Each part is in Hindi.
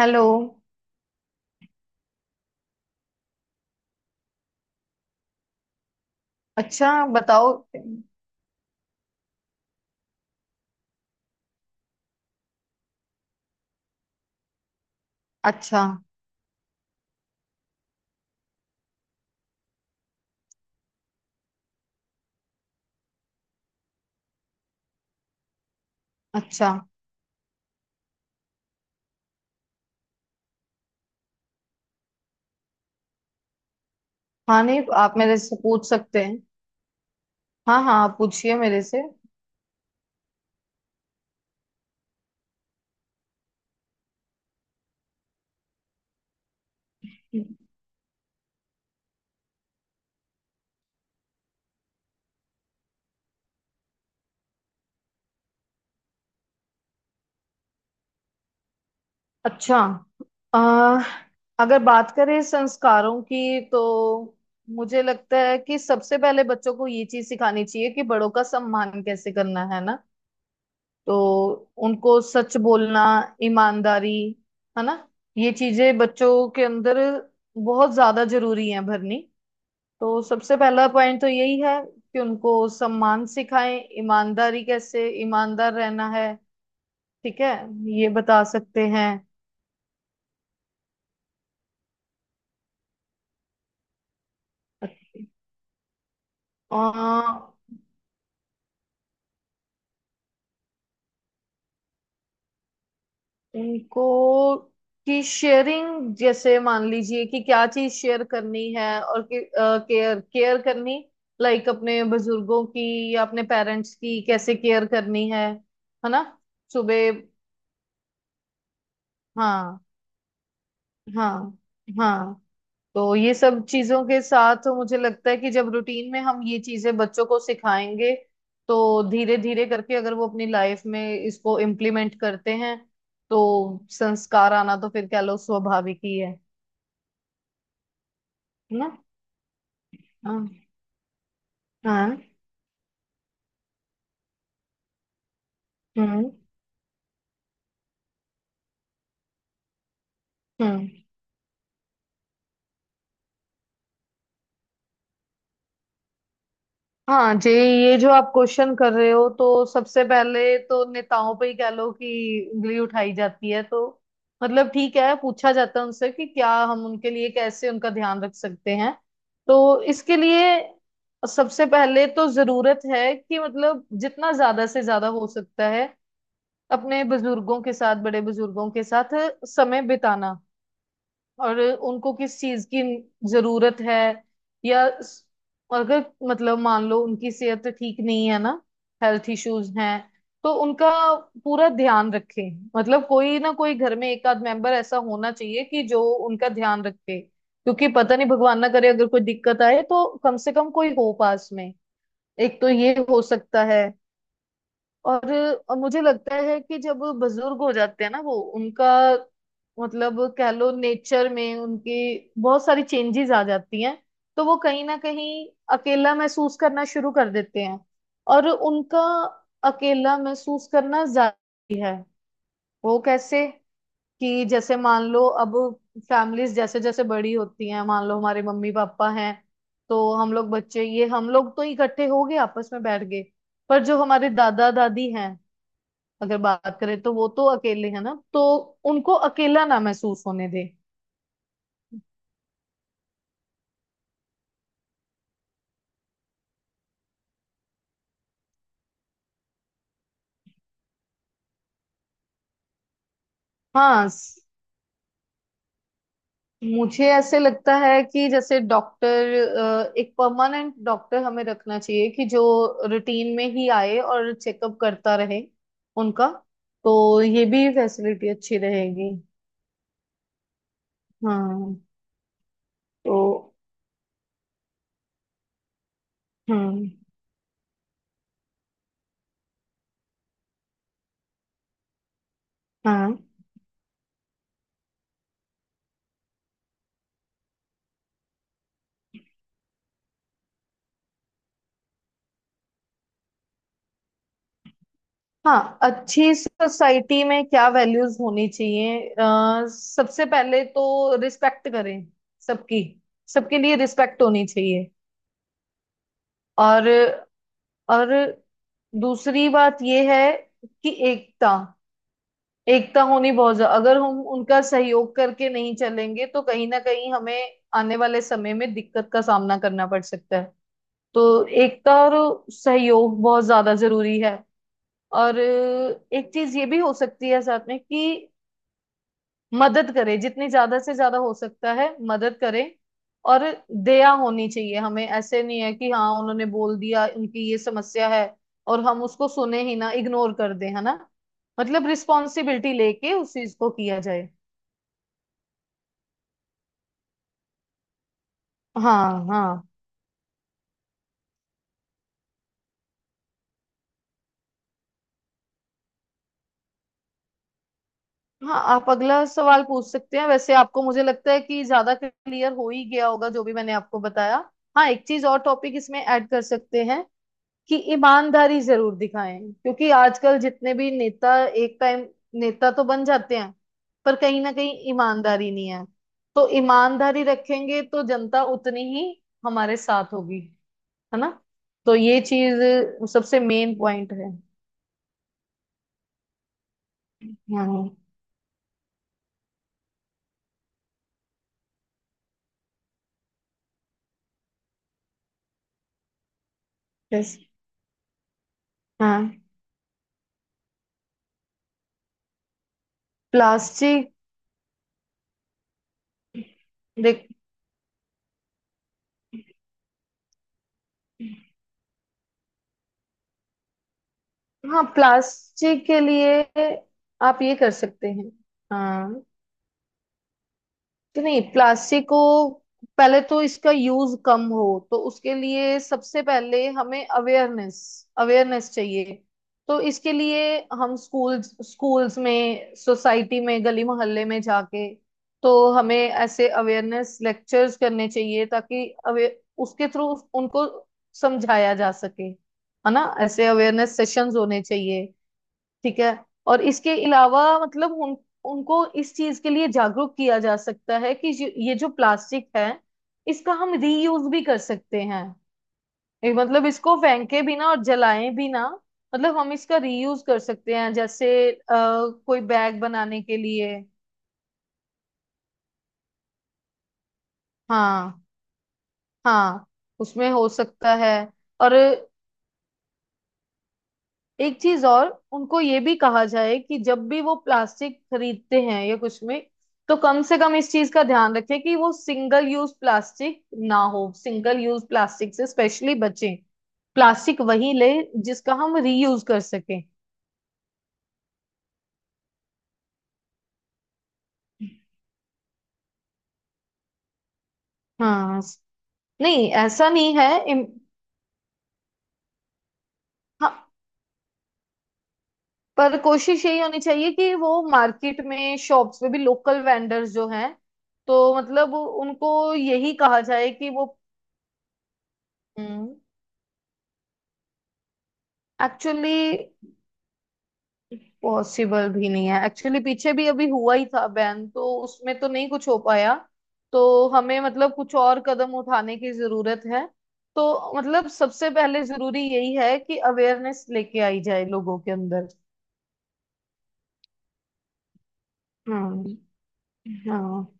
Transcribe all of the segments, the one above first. हेलो। अच्छा, बताओ। अच्छा। अच्छा। हाँ, नहीं आप मेरे से पूछ सकते हैं। हाँ हाँ, आप पूछिए मेरे से। अच्छा। आ, अगर बात करें संस्कारों की तो मुझे लगता है कि सबसे पहले बच्चों को ये चीज सिखानी चाहिए कि बड़ों का सम्मान कैसे करना है ना। तो उनको सच बोलना, ईमानदारी, है ना। ये चीजें बच्चों के अंदर बहुत ज्यादा जरूरी है भरनी। तो सबसे पहला पॉइंट तो यही है कि उनको सम्मान सिखाएं, ईमानदारी, कैसे ईमानदार रहना है। ठीक है, ये बता सकते हैं। अ, उनको कि शेयरिंग, जैसे मान लीजिए कि क्या चीज शेयर करनी है, और कि केयर केयर करनी, लाइक अपने बुजुर्गों की या अपने पेरेंट्स की कैसे केयर करनी है ना। सुबह। हाँ। हाँ। हाँ। तो ये सब चीजों के साथ मुझे लगता है कि जब रूटीन में हम ये चीजें बच्चों को सिखाएंगे, तो धीरे धीरे करके अगर वो अपनी लाइफ में इसको इम्प्लीमेंट करते हैं, तो संस्कार आना तो फिर कह लो स्वाभाविक ही है ना। हाँ। हाँ। हम्म, हम्म। हाँ जी, ये जो आप क्वेश्चन कर रहे हो, तो सबसे पहले तो नेताओं पे ही कह लो कि उंगली उठाई जाती है, तो मतलब ठीक है, पूछा जाता है उनसे कि क्या हम उनके लिए, कैसे उनका ध्यान रख सकते हैं। तो इसके लिए सबसे पहले तो जरूरत है कि मतलब जितना ज्यादा से ज्यादा हो सकता है अपने बुजुर्गों के साथ, बड़े बुजुर्गों के साथ समय बिताना, और उनको किस चीज की जरूरत है। या अगर मतलब मान लो उनकी सेहत ठीक नहीं है ना, हेल्थ इश्यूज हैं। तो उनका पूरा ध्यान रखें, मतलब कोई ना कोई घर में एक आध मेंबर ऐसा होना चाहिए कि जो उनका ध्यान रखे, क्योंकि पता नहीं भगवान ना करे अगर कोई दिक्कत आए तो कम से कम कोई हो पास में। एक तो ये हो सकता है। और और मुझे लगता है कि जब बुजुर्ग हो जाते हैं ना, वो उनका मतलब कह लो नेचर में उनकी बहुत सारी चेंजेस आ जाती हैं, तो वो कहीं ना कहीं अकेला महसूस करना शुरू कर देते हैं। और उनका अकेला महसूस करना जारी है। वो कैसे, कि जैसे मान लो अब फैमिलीज जैसे जैसे बड़ी होती हैं, मान लो हमारे मम्मी पापा हैं, तो हम लोग बच्चे, ये हम लोग तो इकट्ठे हो गए, आपस में बैठ गए। पर जो हमारे दादा दादी हैं, अगर बात करें तो वो तो अकेले है ना, तो उनको अकेला ना महसूस होने दे। हाँ। मुझे ऐसे लगता है कि जैसे डॉक्टर, एक परमानेंट डॉक्टर हमें रखना चाहिए कि जो रूटीन में ही आए और चेकअप करता रहे उनका। तो ये भी फैसिलिटी अच्छी रहेगी। हाँ। तो। हम्म। हाँ। हाँ। अच्छी सोसाइटी में क्या वैल्यूज होनी चाहिए? सबसे पहले तो रिस्पेक्ट करें, सबकी, सबके लिए रिस्पेक्ट होनी चाहिए। और और दूसरी बात यह है कि एकता, एकता होनी बहुत ज्यादा, अगर हम उनका सहयोग करके नहीं चलेंगे तो कहीं ना कहीं हमें आने वाले समय में दिक्कत का सामना करना पड़ सकता है। तो एकता और सहयोग बहुत ज्यादा जरूरी है। और एक चीज ये भी हो सकती है साथ में कि मदद करे, जितनी ज्यादा से ज्यादा हो सकता है मदद करे। और दया होनी चाहिए हमें, ऐसे नहीं है कि हाँ उन्होंने बोल दिया उनकी ये समस्या है, और हम उसको सुने ही ना, इग्नोर कर दें, है ना। मतलब रिस्पॉन्सिबिलिटी लेके उस चीज को किया जाए। हाँ हाँ। हाँ, आप अगला सवाल पूछ सकते हैं, वैसे आपको मुझे लगता है कि ज्यादा क्लियर हो ही गया होगा जो भी मैंने आपको बताया। हाँ, एक चीज और टॉपिक इसमें ऐड कर सकते हैं कि ईमानदारी जरूर दिखाएं, क्योंकि आजकल जितने भी नेता एक टाइम नेता तो बन जाते हैं, पर कहीं ना कहीं ईमानदारी नहीं है। तो ईमानदारी रखेंगे तो जनता उतनी ही हमारे साथ होगी, है ना। तो ये चीज सबसे मेन पॉइंट है। हाँ। yes। हाँ। प्लास्टिक। देख। हाँ, प्लास्टिक के लिए आप ये कर सकते हैं। हाँ, कि नहीं, प्लास्टिक को पहले तो इसका यूज कम हो, तो उसके लिए सबसे पहले हमें अवेयरनेस, अवेयरनेस चाहिए। तो इसके लिए हम स्कूल्स, स्कूल्स में, सोसाइटी में, गली मोहल्ले में जाके, तो हमें ऐसे अवेयरनेस लेक्चर्स करने चाहिए ताकि अवे उसके थ्रू उनको समझाया जा सके, है ना। ऐसे अवेयरनेस सेशंस होने चाहिए। ठीक है। और इसके अलावा मतलब उन उनको इस चीज के लिए जागरूक किया जा सकता है कि ये जो प्लास्टिक है इसका हम रीयूज भी कर सकते हैं, ये मतलब इसको फेंके भी ना और जलाएं भी ना। मतलब हम इसका रीयूज कर सकते हैं, जैसे कोई बैग बनाने के लिए। हाँ। हाँ, उसमें हो सकता है। और एक चीज और, उनको ये भी कहा जाए कि जब भी वो प्लास्टिक खरीदते हैं या कुछ में, तो कम से कम इस चीज का ध्यान रखें कि वो सिंगल यूज प्लास्टिक ना हो, सिंगल यूज प्लास्टिक से स्पेशली बचें। प्लास्टिक वही ले जिसका हम रीयूज कर सकें। हाँ। नहीं, ऐसा नहीं है, हाँ, पर कोशिश यही होनी चाहिए कि वो मार्केट में, शॉप्स में भी, लोकल वेंडर्स जो हैं तो मतलब उनको यही कहा जाए कि वो एक्चुअली पॉसिबल भी नहीं है। एक्चुअली पीछे भी अभी हुआ ही था बैन, तो उसमें तो नहीं कुछ हो पाया। तो हमें मतलब कुछ और कदम उठाने की जरूरत है। तो मतलब सबसे पहले जरूरी यही है कि अवेयरनेस लेके आई जाए लोगों के अंदर। हम्म। हाँ।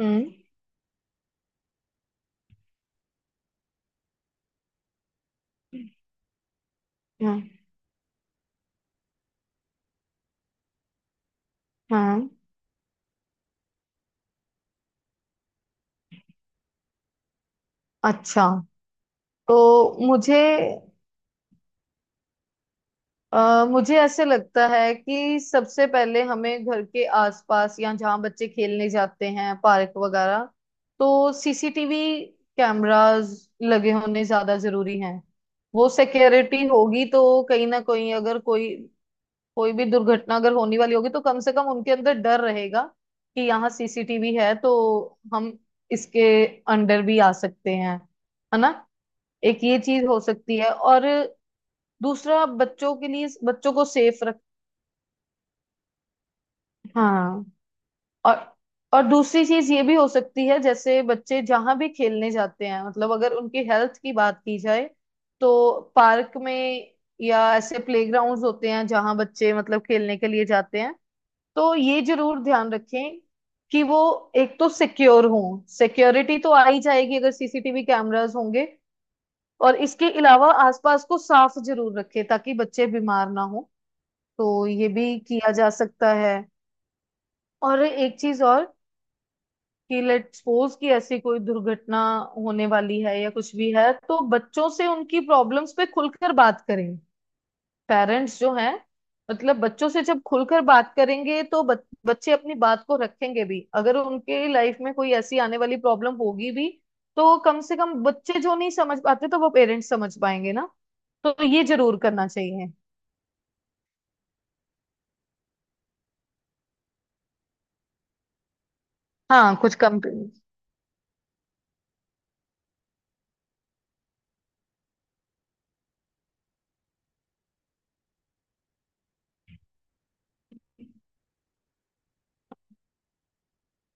हम्म। हाँ। हाँ। अच्छा, तो मुझे ऐसे लगता है कि सबसे पहले हमें घर के आसपास या जहाँ बच्चे खेलने जाते हैं, पार्क वगैरह, तो सीसीटीवी कैमरास लगे होने ज्यादा जरूरी हैं। वो सिक्योरिटी होगी तो कहीं ना कहीं, अगर कोई कोई भी दुर्घटना अगर होने वाली होगी तो कम से कम उनके अंदर डर रहेगा कि यहाँ सीसीटीवी है, तो हम इसके अंडर भी आ सकते हैं, है ना। एक ये चीज हो सकती है। और दूसरा, बच्चों के लिए, बच्चों को सेफ रख। हाँ। और और दूसरी चीज ये भी हो सकती है, जैसे बच्चे जहां भी खेलने जाते हैं, मतलब अगर उनकी हेल्थ की बात की जाए, तो पार्क में या ऐसे प्लेग्राउंड्स होते हैं जहां बच्चे मतलब खेलने के लिए जाते हैं, तो ये जरूर ध्यान रखें कि वो एक तो सिक्योर हो, सिक्योरिटी तो आ ही जाएगी अगर सीसीटीवी कैमरास होंगे। और इसके अलावा आसपास को साफ जरूर रखें ताकि बच्चे बीमार ना हो। तो ये भी किया जा सकता है। और एक चीज और, कि लेट सपोज कि ऐसी कोई दुर्घटना होने वाली है या कुछ भी है, तो बच्चों से उनकी प्रॉब्लम्स पे खुलकर बात करें, पेरेंट्स जो हैं। मतलब बच्चों से जब खुलकर बात करेंगे तो बच्चे अपनी बात को रखेंगे भी, अगर उनके लाइफ में कोई ऐसी आने वाली प्रॉब्लम होगी भी, तो कम से कम बच्चे जो नहीं समझ पाते तो वो पेरेंट्स समझ पाएंगे ना। तो ये जरूर करना चाहिए। हाँ, कुछ कम।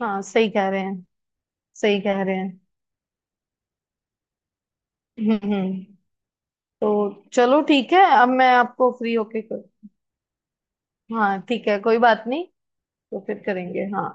हाँ, सही कह रहे हैं। सही कह रहे हैं। हम्म, तो, चलो ठीक है, अब मैं आपको फ्री होके कर। हाँ ठीक है, कोई बात नहीं। तो फिर करेंगे, हाँ।